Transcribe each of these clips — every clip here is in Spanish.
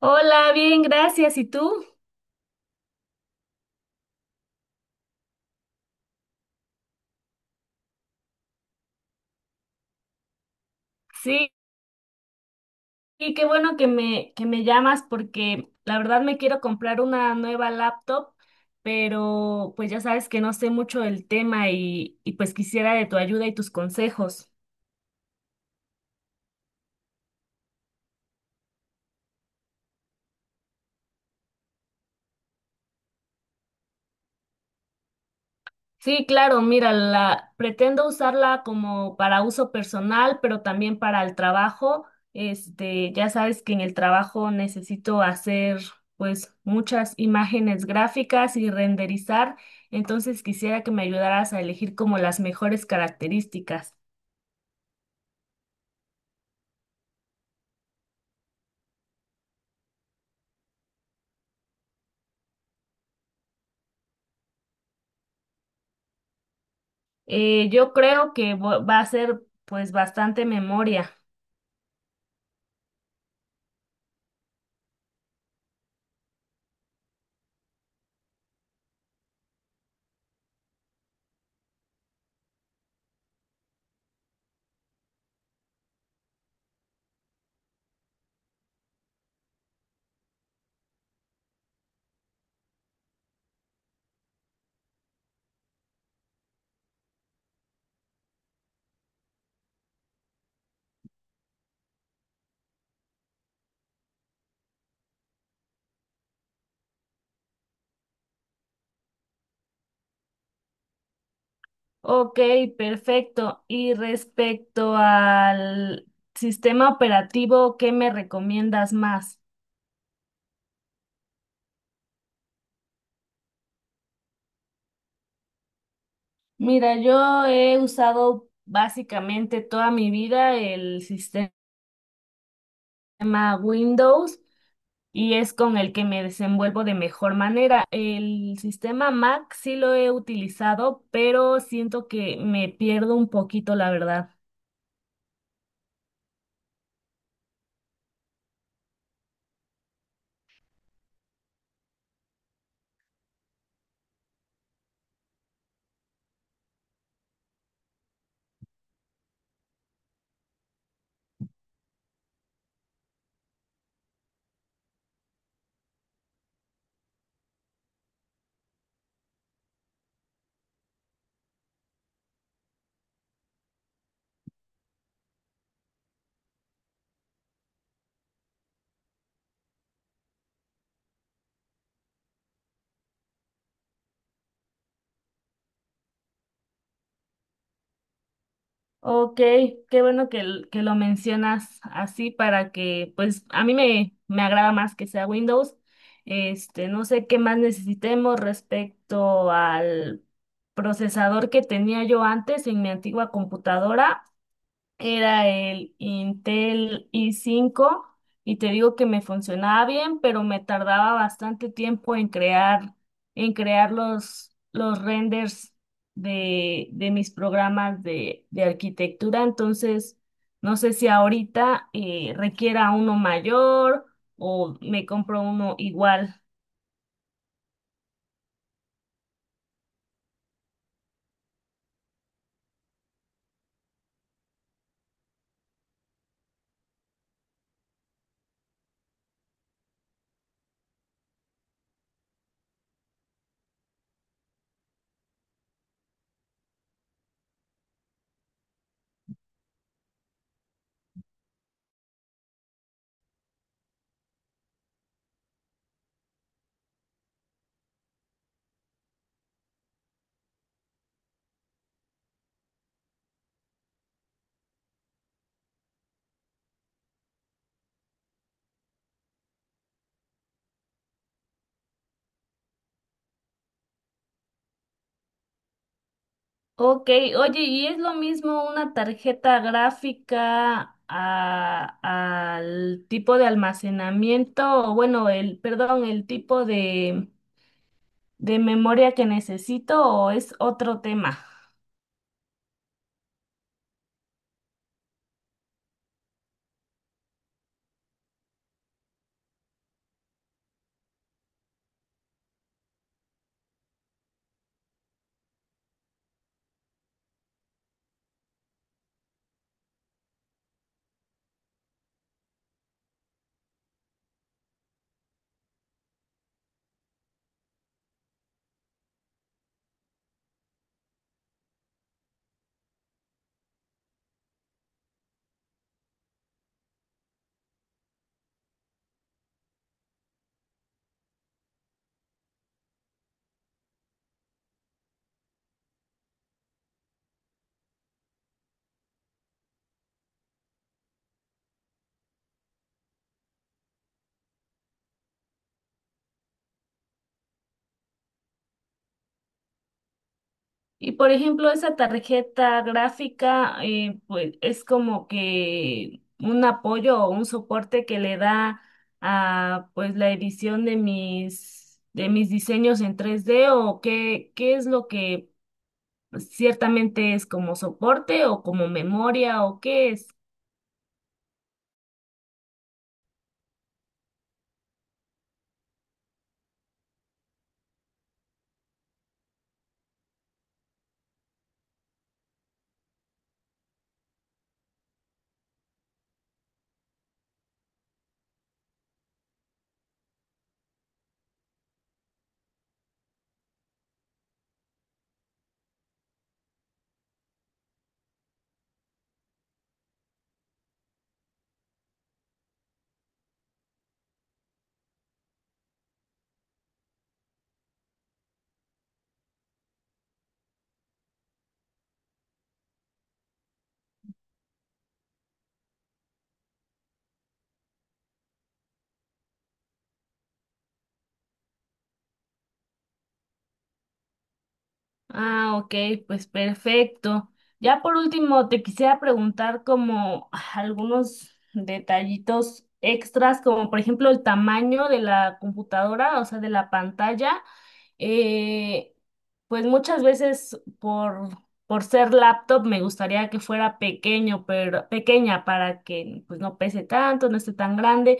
Hola, bien, gracias. ¿Y tú? Sí, y qué bueno que me llamas porque la verdad me quiero comprar una nueva laptop, pero pues ya sabes que no sé mucho del tema y pues quisiera de tu ayuda y tus consejos. Sí, claro, mira, la, pretendo usarla como para uso personal, pero también para el trabajo. Este, ya sabes que en el trabajo necesito hacer pues muchas imágenes gráficas y renderizar, entonces quisiera que me ayudaras a elegir como las mejores características. Yo creo que va a ser pues bastante memoria. Ok, perfecto. Y respecto al sistema operativo, ¿qué me recomiendas más? Mira, yo he usado básicamente toda mi vida el sistema Windows y es con el que me desenvuelvo de mejor manera. El sistema Mac sí lo he utilizado, pero siento que me pierdo un poquito, la verdad. Ok, qué bueno que, que lo mencionas así para que, pues a me agrada más que sea Windows. Este, no sé qué más necesitemos respecto al procesador que tenía yo antes en mi antigua computadora. Era el Intel i5 y te digo que me funcionaba bien, pero me tardaba bastante tiempo en crear los renders de mis programas de arquitectura. Entonces, no sé si ahorita requiera uno mayor o me compro uno igual. Ok, oye, ¿y es lo mismo una tarjeta gráfica al tipo de almacenamiento, o bueno, el, perdón, el tipo de memoria que necesito o es otro tema? Y por ejemplo, esa tarjeta gráfica, pues es como que un apoyo o un soporte que le da a pues la edición de mis diseños en tres d o qué, qué es lo que ciertamente es como soporte o como memoria o qué es. Ah, ok, pues perfecto. Ya por último, te quisiera preguntar como algunos detallitos extras, como por ejemplo el tamaño de la computadora, o sea, de la pantalla. Eh, pues muchas veces por ser laptop me gustaría que fuera pequeño, pero pequeña para que pues no pese tanto, no esté tan grande.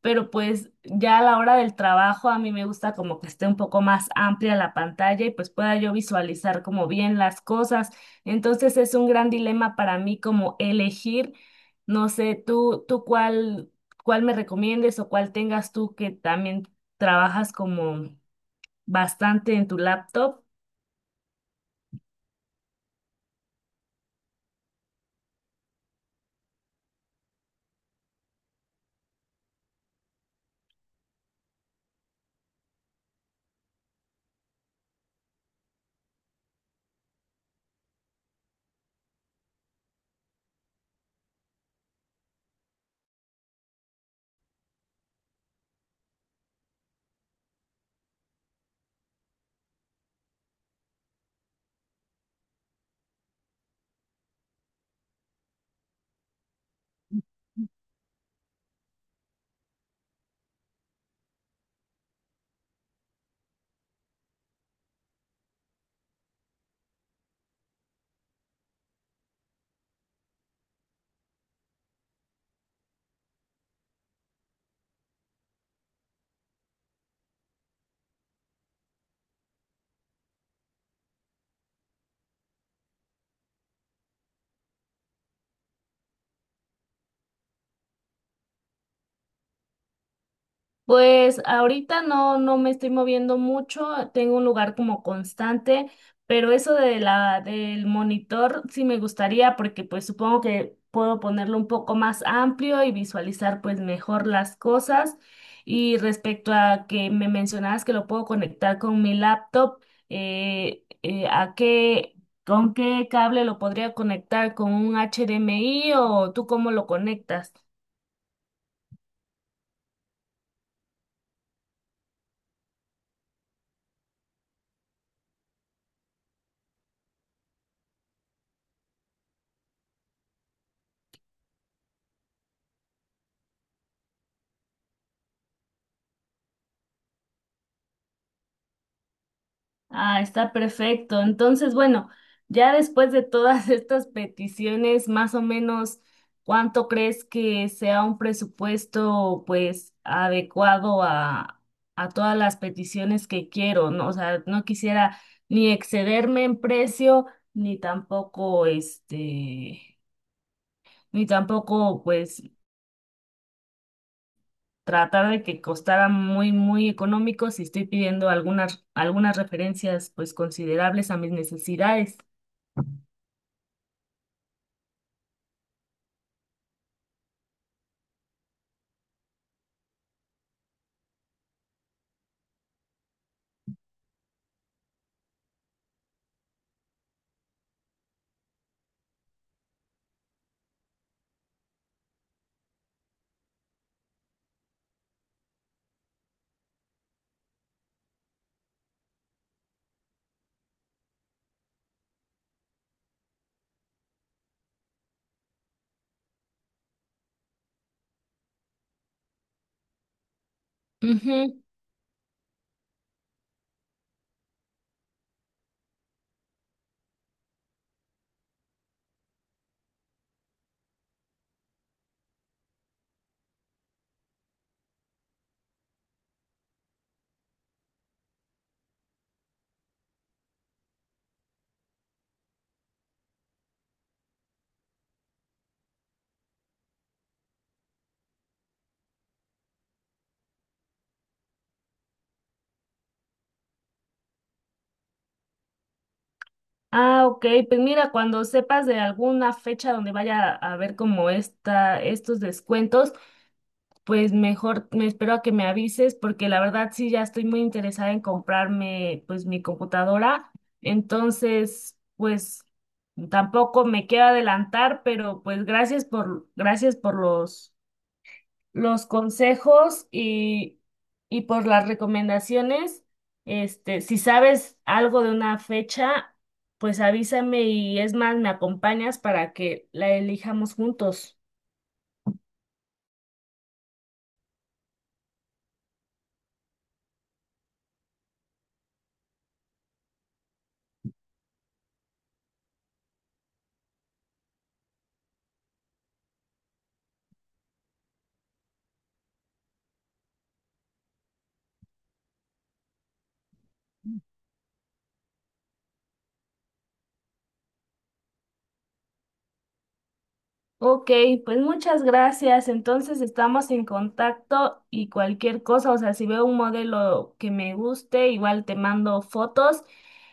Pero pues ya a la hora del trabajo a mí me gusta como que esté un poco más amplia la pantalla y pues pueda yo visualizar como bien las cosas. Entonces es un gran dilema para mí como elegir, no sé, tú cuál, cuál me recomiendes o cuál tengas tú que también trabajas como bastante en tu laptop. Pues ahorita no me estoy moviendo mucho, tengo un lugar como constante, pero eso de la, del monitor sí me gustaría porque pues supongo que puedo ponerlo un poco más amplio y visualizar pues mejor las cosas. Y respecto a que me mencionabas que lo puedo conectar con mi laptop, ¿a qué, con qué cable lo podría conectar? ¿Con un HDMI o tú cómo lo conectas? Ah, está perfecto. Entonces, bueno, ya después de todas estas peticiones, más o menos, ¿cuánto crees que sea un presupuesto, pues, adecuado a todas las peticiones que quiero? ¿No? O sea, no quisiera ni excederme en precio, ni tampoco, este, ni tampoco, pues, tratar de que costara muy económico si estoy pidiendo algunas, algunas referencias, pues, considerables a mis necesidades. Ujú. Ah, ok. Pues mira, cuando sepas de alguna fecha donde vaya a haber como esta, estos descuentos, pues mejor me espero a que me avises, porque la verdad sí ya estoy muy interesada en comprarme pues mi computadora. Entonces, pues tampoco me quiero adelantar, pero pues gracias por los consejos y por las recomendaciones. Este, si sabes algo de una fecha, pues avísame y es más, me acompañas para que la elijamos juntos. Ok, pues muchas gracias. Entonces estamos en contacto y cualquier cosa, o sea, si veo un modelo que me guste, igual te mando fotos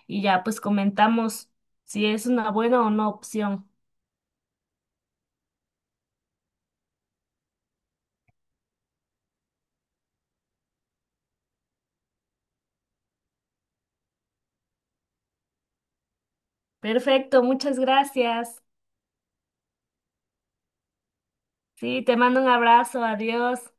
y ya pues comentamos si es una buena o no opción. Perfecto, muchas gracias. Sí, te mando un abrazo, adiós.